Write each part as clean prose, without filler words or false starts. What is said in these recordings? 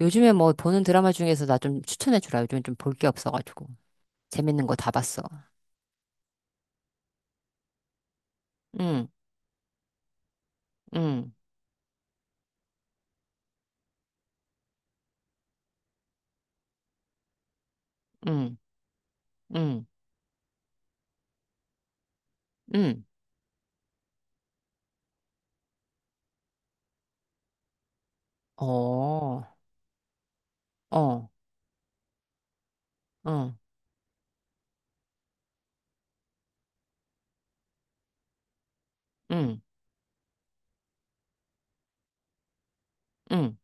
요즘에 뭐 보는 드라마 중에서 나 좀 추천해 주라. 요즘에 좀 볼 게 없어가지고. 재밌는 거 다 봤어. 응, 응, 응, 응, 응. 어, 어, 응, 응, 응.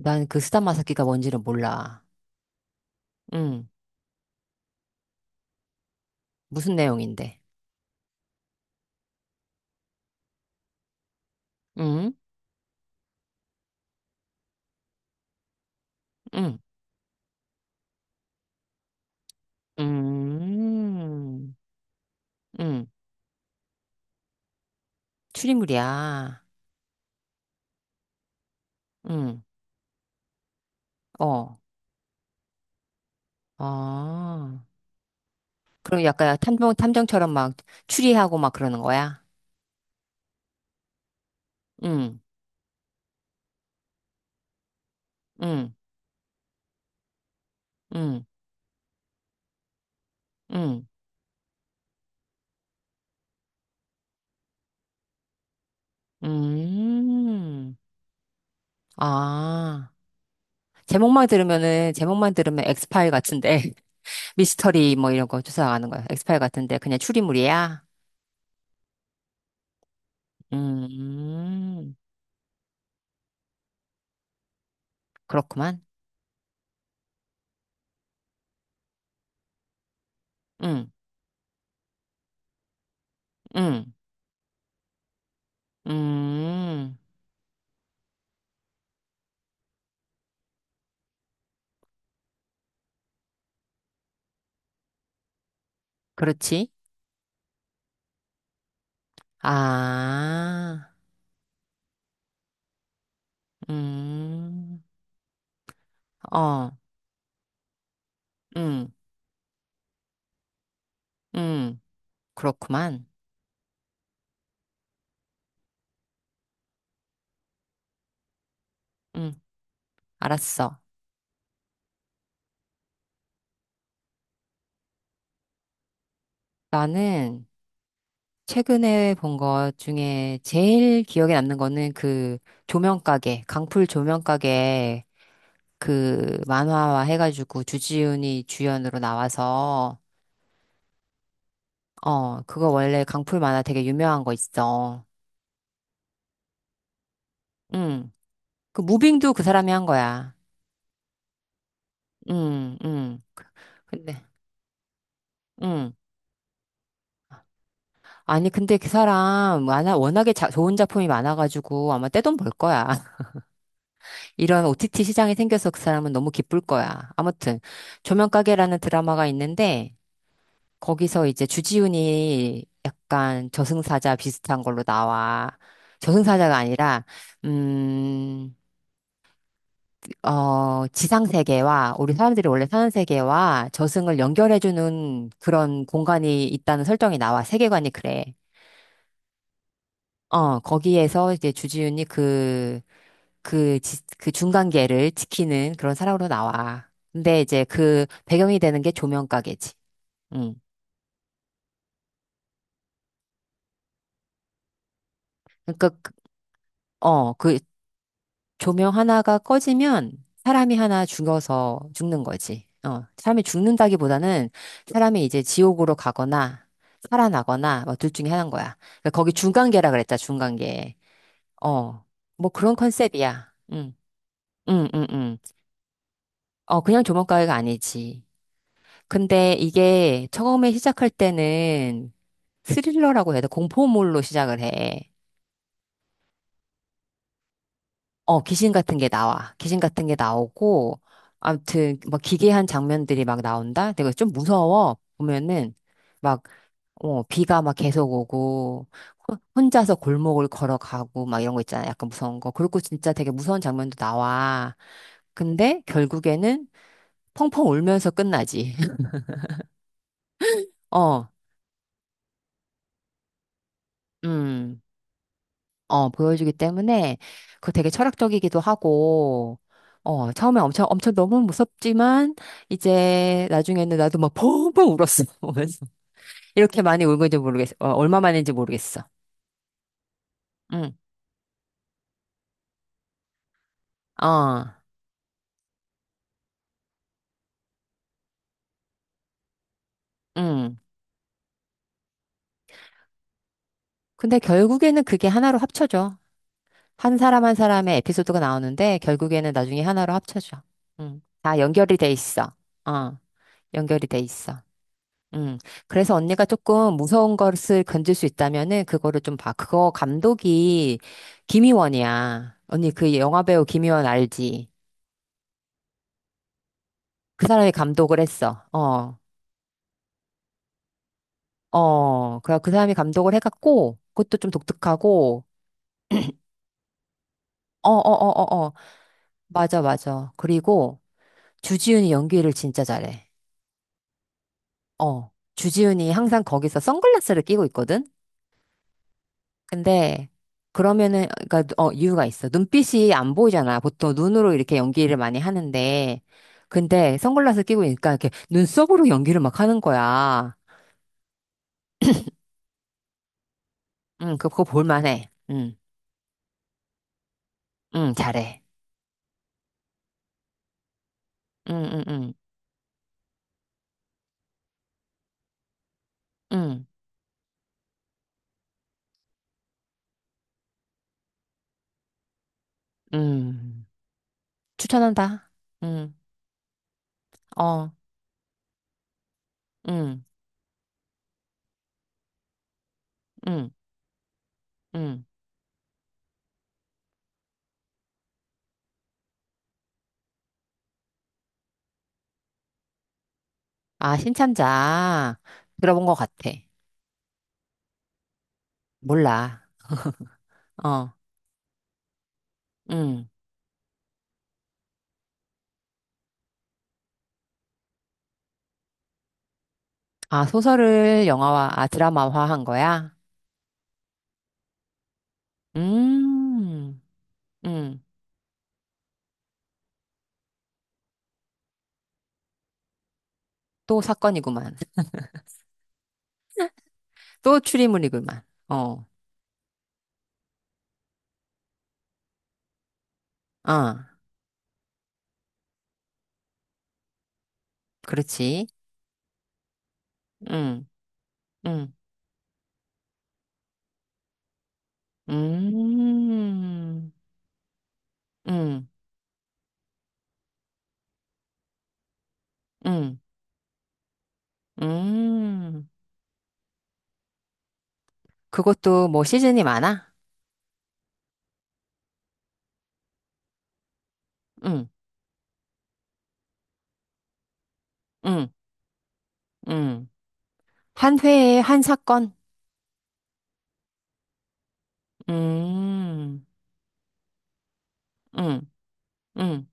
난 그 스타마사키가 뭔지는 몰라. 응. 무슨 내용인데? 응, 응, 응, 응. 추리물이야. 응, 어, 어. 그럼 약간 탐정, 탐정처럼 막 추리하고 막 그러는 거야? 응, 응, 응, 응. 음. 아. 제목만 들으면은, 제목만 들으면 엑스파일 같은데, 미스터리 뭐 이런 거 조사하는 거야. 엑스파일 같은데, 그냥 추리물이야? 음. 그렇구만. 응, 응, 음. 그렇지. 아. 음. 어, 응, 응. 그렇구만. 응, 알았어. 나는, 최근에 본 것 중에 제일 기억에 남는 거는 그 조명가게, 강풀 조명가게 그 만화화 해가지고 주지훈이 주연으로 나와서 어, 그거 원래 강풀 만화 되게 유명한 거 있어. 응. 그 무빙도 그 사람이 한 거야. 응, 응. 근데, 응. 아니, 근데 그 사람 만화 워낙에 좋은 작품이 많아가지고 아마 떼돈 벌 거야. 이런 OTT 시장이 생겨서 그 사람은 너무 기쁠 거야. 아무튼 조명가게라는 드라마가 있는데 거기서 이제 주지훈이 약간 저승사자 비슷한 걸로 나와. 저승사자가 아니라 음, 어, 지상세계와 우리 사람들이 원래 사는 세계와 저승을 연결해주는 그런 공간이 있다는 설정이 나와. 세계관이 그래. 어, 거기에서 이제 주지훈이 그 중간계를 지키는 그런 사람으로 나와. 근데 이제 그 배경이 되는 게 조명 가게지. 응. 그러니까, 그- 어, 그 조명 하나가 꺼지면 사람이 하나 죽어서 죽는 거지. 어, 사람이 죽는다기보다는 사람이 이제 지옥으로 가거나 살아나거나 뭐 둘 중에 하나인 거야. 그러니까 거기 중간계라 그랬다, 중간계. 어, 뭐 그런 컨셉이야. 응, 응, 응, 응. 어, 그냥 조명가게가 아니지. 근데 이게 처음에 시작할 때는 스릴러라고 해야 돼. 공포물로 시작을 해. 어, 귀신 같은 게 나와. 귀신 같은 게 나오고, 아무튼, 막 기괴한 장면들이 막 나온다? 내가 좀 무서워. 보면은, 막, 어, 비가 막 계속 오고, 혼자서 골목을 걸어가고, 막 이런 거 있잖아. 약간 무서운 거. 그리고 진짜 되게 무서운 장면도 나와. 근데 결국에는 펑펑 울면서 끝나지. 어, 음. 어, 보여주기 때문에 그거 되게 철학적이기도 하고, 어, 처음에 엄청, 엄청 너무 무섭지만, 이제 나중에는 나도 막 펑펑 울었어, 보면서. 이렇게 많이 울고인지 모르겠어. 어, 얼마 만인지 모르겠어. 응, 어, 응. 근데 결국에는 그게 하나로 합쳐져. 한 사람 한 사람의 에피소드가 나오는데, 결국에는 나중에 하나로 합쳐져. 응. 다 연결이 돼 있어. 어, 연결이 돼 있어. 음. 그래서 언니가 조금 무서운 것을 건질 수 있다면은 그거를 좀 봐. 그거 감독이 김희원이야. 언니 그 영화배우 김희원 알지? 그 사람이 감독을 했어. 어. 어. 그래 그 사람이 감독을 해갖고 그것도 좀 독특하고 어, 어, 어, 어, 어. 맞아, 맞아. 그리고 주지훈이 연기를 진짜 잘해. 어. 주지훈이 항상 거기서 선글라스를 끼고 있거든? 근데 그러면은 그러니까 어 이유가 있어. 눈빛이 안 보이잖아. 보통 눈으로 이렇게 연기를 많이 하는데 근데 선글라스 끼고 있으니까 이렇게 눈썹으로 연기를 막 하는 거야. 응, 그거 볼만해. 응, 응, 잘해. 응, 응, 응, 응, 응. 추천한다. 응, 어, 응, 응, 응. 아, 신참자 들어본 것 같아. 몰라. 어, 응. 아, 소설을 영화화, 아, 드라마화한 거야? 음. 음, 또 사건이구만. 또 추리물이구만. 어, 아, 그렇지. 응 응 음, 응 응 음. 그것도 뭐 시즌이 많아? 응 응 응 한 회에 한 사건? 음, 응응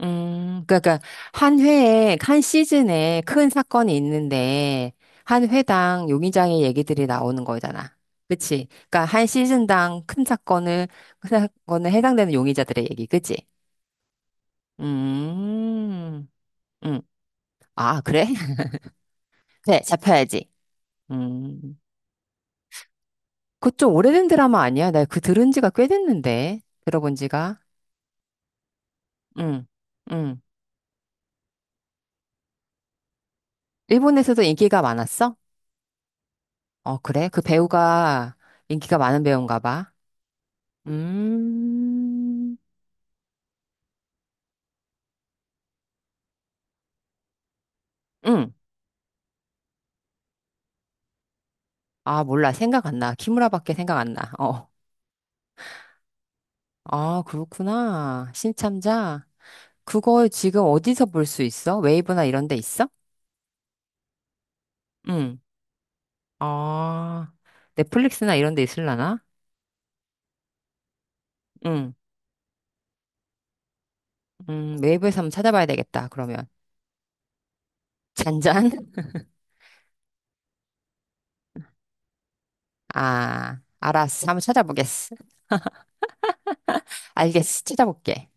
그러니까 한 회에 한 시즌에 큰 사건이 있는데 한 회당 용의자의 얘기들이 나오는 거잖아. 그치? 그러니까 한 시즌당 큰 사건을 큰 사건에 해당되는 용의자들의 얘기, 그치? 음, 음, 아 그래? 그래, 잡혀야지. 음, 그 좀 오래된 드라마 아니야? 나 그 들은 지가 꽤 됐는데 들어본 지가. 응, 응. 일본에서도 인기가 많았어? 어 그래? 그 배우가 인기가 많은 배우인가 봐. 음, 응. 아, 몰라. 생각 안 나. 키무라밖에 생각 안 나. 어. 아, 그렇구나. 신참자. 그거 지금 어디서 볼 수 있어? 웨이브나 이런 데 있어? 응. 아, 넷플릭스나 이런 데 있으려나? 응. 웨이브에서 한번 찾아봐야 되겠다. 그러면. 잔잔? 아, 알았어. 한번 찾아보겠어. 알겠어. 찾아볼게.